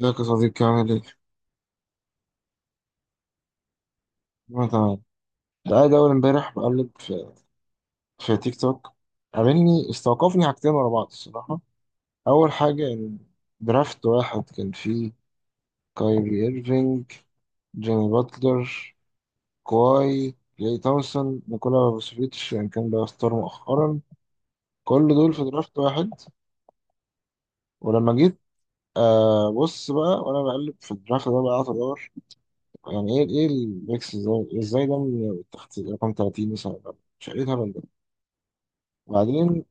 ازيك يا صديقي، عامل ايه؟ أنا تمام. كنت قاعد أول امبارح بقلب في تيك توك. عاملني، استوقفني حاجتين ورا بعض الصراحة. أول حاجة إن درافت واحد كان فيه كايري إيرفينج، جيمي باتلر، كواي، جاي تومسون، نيكولا فوسفيتش، يعني كان بقى ستار مؤخرا. كل دول في درافت واحد. ولما جيت، بص بقى، وأنا بقلب في الدرافت ده بقى قعدت أدور، يعني إيه الميكس، إزاي ده من تحت رقم 30 مثلا؟ مش عارف إيه الهبل. وبعدين،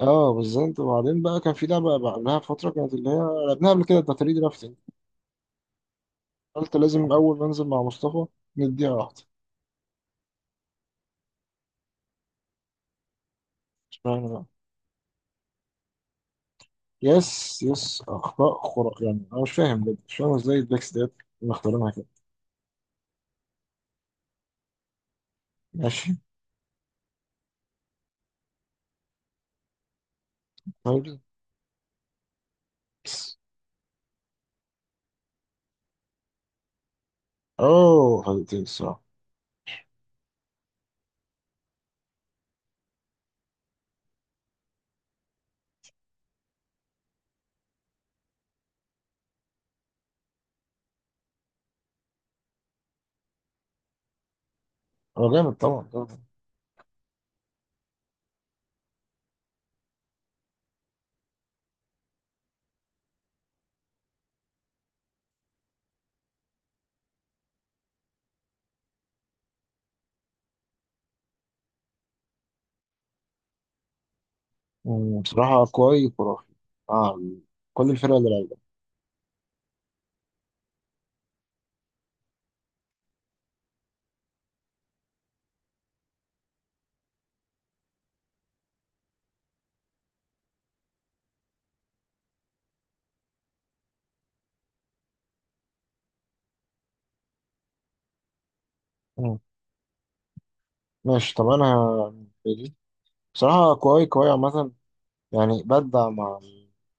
اه بالظبط. وبعدين بقى كان في لعبة بقى فترة، كانت اللي هي لعبناها قبل كده، بتاع 3 درافتنج. قلت لازم أول ما أنزل مع مصطفى نديها واحدة. مش فاهم بقى. يس، يس، أخطاء خرق، يعني أنا مش فاهم بجد، مش فاهم إزاي البيكس ديت مختارينها كده. ماشي. طيب، بس. أوه فايتين الصراحة. هو جامد، طبعا طبعا. بصراحة كويس خرافي. آه. كل الفرق اللي لعبها. مم، ماشي، طب أنا بصراحة كويس كويس عامة، يعني بدع مع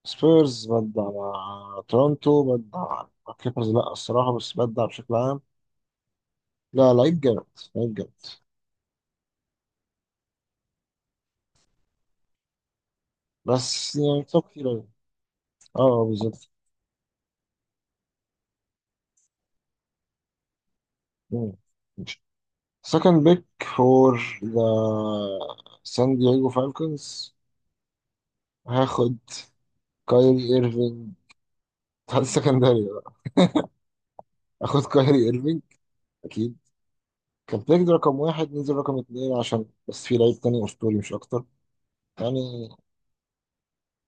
سبيرز، بدع مع تورونتو، بدع مع كليبرز، لا الصراحة، بس بدع بشكل عام. لا، لعيب جامد. لعيب جامد. بس يعني توب كتير أوي. اه، آه، بالظبط. سكند بيك فور ذا سان دييغو فالكونز. هاخد كايري ايرفينج. هذا السكندري بقى. هاخد كايري ايرفينج، اكيد. كان بيك ده رقم واحد، نزل رقم اتنين عشان بس في لعيب تاني اسطوري، مش اكتر. يعني،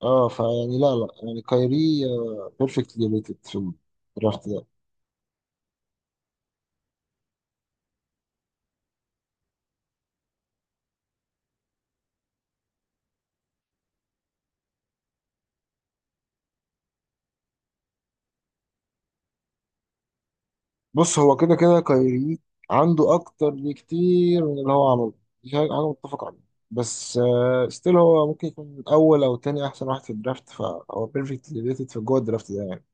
اه فيعني، لا لا، يعني كايري بيرفكتلي ريتد في الدرافت ده. بص، هو كده كده كايري عنده اكتر بكتير من اللي هو عمله. دي حاجة متفق عليها. بس ستيل هو ممكن يكون اول او تاني احسن واحد في الدرافت، فهو بيرفكتلي ريتد في جوه الدرافت ده يعني.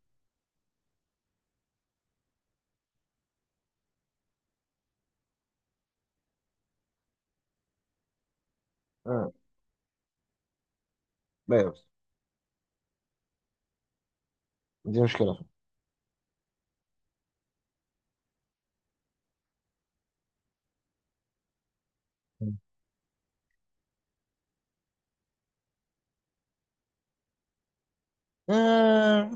آه. لا يا بس، دي مشكلة فيه. آه،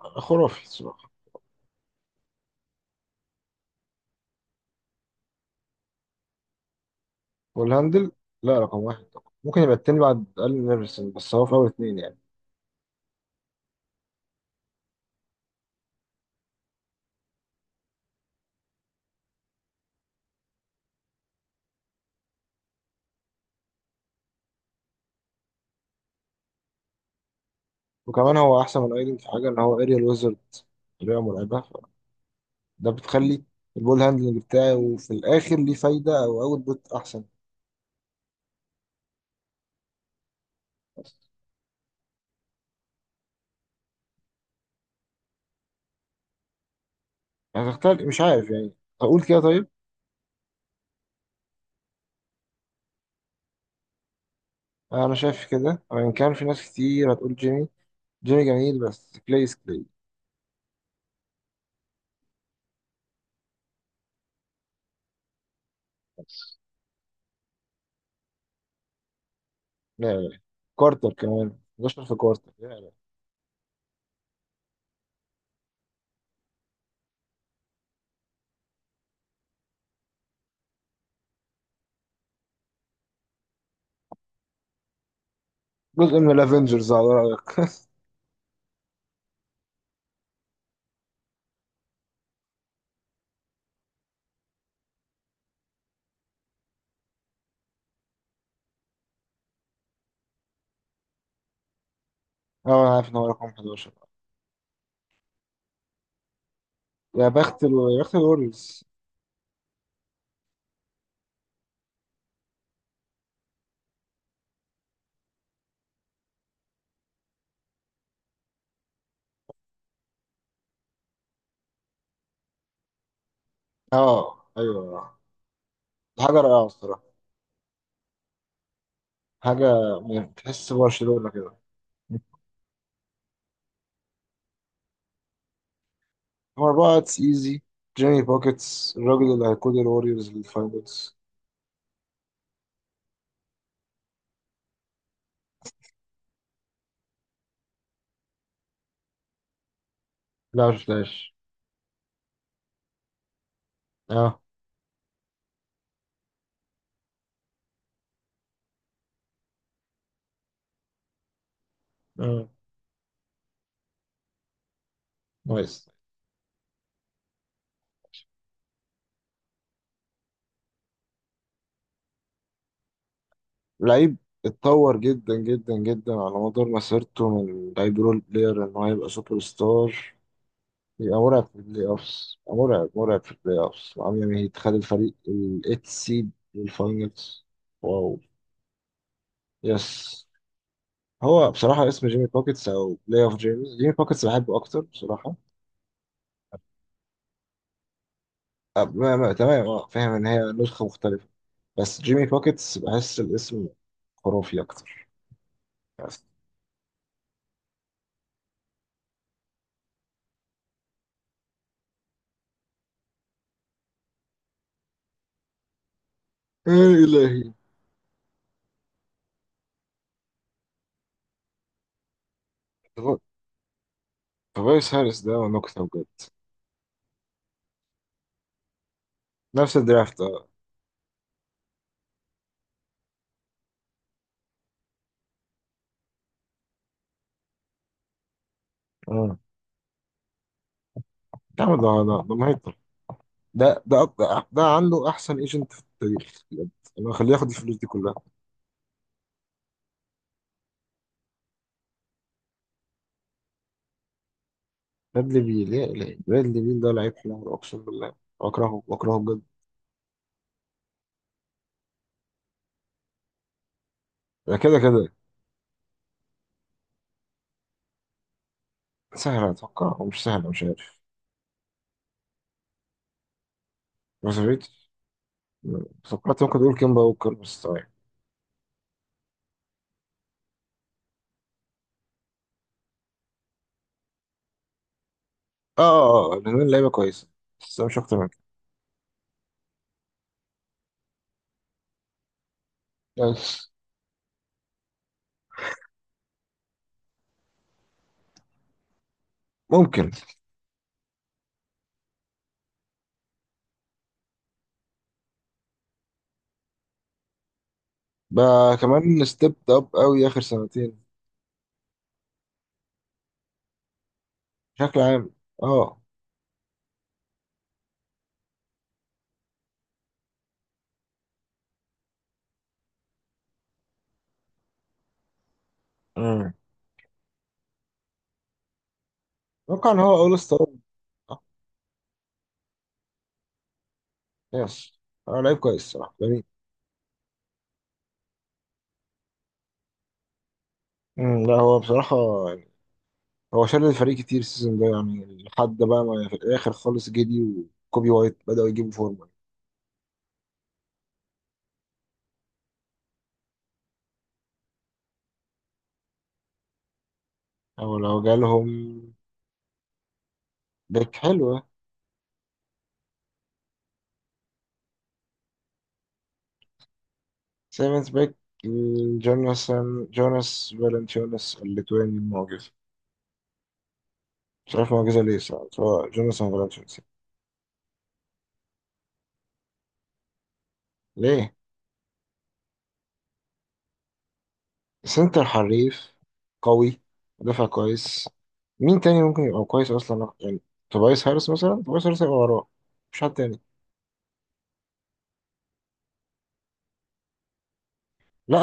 خرافي الصراحة. والهاندل، لا رقم واحد طبعا، ممكن يبقى التاني بعد أقل من نيرفسون، بس هو في أول اتنين يعني. وكمان هو احسن من ايدن في حاجه، ان هو اريال ويزرد، طريقه مرعبه. ده بتخلي البول هاندلنج بتاعي، وفي الاخر ليه فايده او اوت بوت احسن. يعني هتختار، مش عارف يعني. اقول كده طيب. انا شايف كده، وان كان في ناس كتير هتقول جيمي، جيمي جميل بس كليس كلي. بس. لا لا، كارتر كمان 11 في كارتر، لا لا. جزء من الافنجرز على رايك. اه انا عارف ان هو رقم 11. يا بخت ال... يا بخت الوريوز. اه ايوه، حاجه رائعه الصراحه. حاجة، تحس برشلونة كده. نمبر أربعة اتس ايزي، جيمي بوكيتس الراجل اللي هيقود الوريورز للفاينلز. لا مش فلاش. اه اه، نايس. لعيب اتطور جدا جدا جدا على مدار مسيرته، من لعيب رول بلاير ان هو يبقى سوبر ستار، يبقى مرعب في البلاي اوفس، يبقى مرعب مرعب في البلاي اوفس، وعم يعمل هيت، خد الفريق الايت سيد للفاينلز. واو. يس. هو بصراحة اسم جيمي بوكيتس أو بلاي أوف جيمي، جيمي بوكيتس بحبه أكتر بصراحة. آه، ما تمام، اه فاهم ان هي نسخة مختلفة، بس جيمي بوكيتس بحس الاسم خرافي اكتر. بس. يا الهي، فبايس هاريس ده نكتة بجد. نفس الدرافت، اه، آه. يا عم ده مهيطر، ده عنده احسن ايجنت في التاريخ بجد. انا هخليه ياخد الفلوس دي كلها. برادلي بيل، يا الهي، برادلي بيل ده لعيب حلو اقسم بالله. بكرهه بكرهه بجد. ده كده كده، سهل اتوقع ومش سهل، مش عارف. بس فكرت ممكن تقول كيمبا ووكر، بس آه. اه اه، آه، لأن اللعيبه كويسه، بس مش اكتر من كده. بس. ممكن. بقى كمان ستيب اب قوي اخر سنتين، بشكل عام. اه. امم اتوقع ان هو اول ستار. آه، يس. هو لعيب كويس صراحه، جميل. لا هو بصراحه يعني، هو شال الفريق كتير السيزون ده، يعني لحد بقى ما في الاخر خالص جدي، وكوبي وايت بداوا يجيبوا فورمه. او لو جالهم باك حلوه. سيمنز باك. جوناثان، جوناس فالنتينوس الليتواني المعجز، مش عارف معجزة ليه صراحة، سواء جوناثان فرانشنسي. ليه؟ سنتر حريف قوي، مدافع كويس. مين تاني ممكن يبقى كويس أصلا يعني؟ توبايس هارس مثلا، توبايس هارس هيبقى وراه، مش حد تاني. لا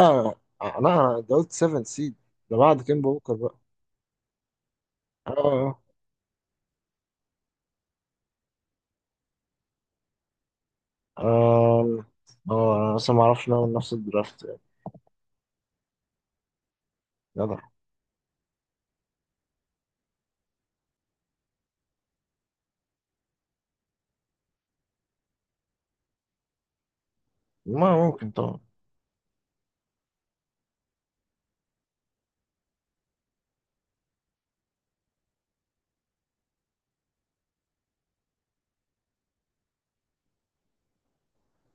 لا، ده قلت 7 سيد، ده بعد كيمبا بوكر بقى. اه اه اه، انا لسه ما اعرفش لو نفس الدرافت يعني. جدع. ما ممكن طبعا.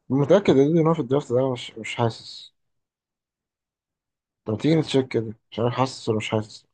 متأكد ان هو في الدرافت ده، مش حاسس. طب تيجي نتشيك كده، مش عارف حاسس ولا مش حاسس.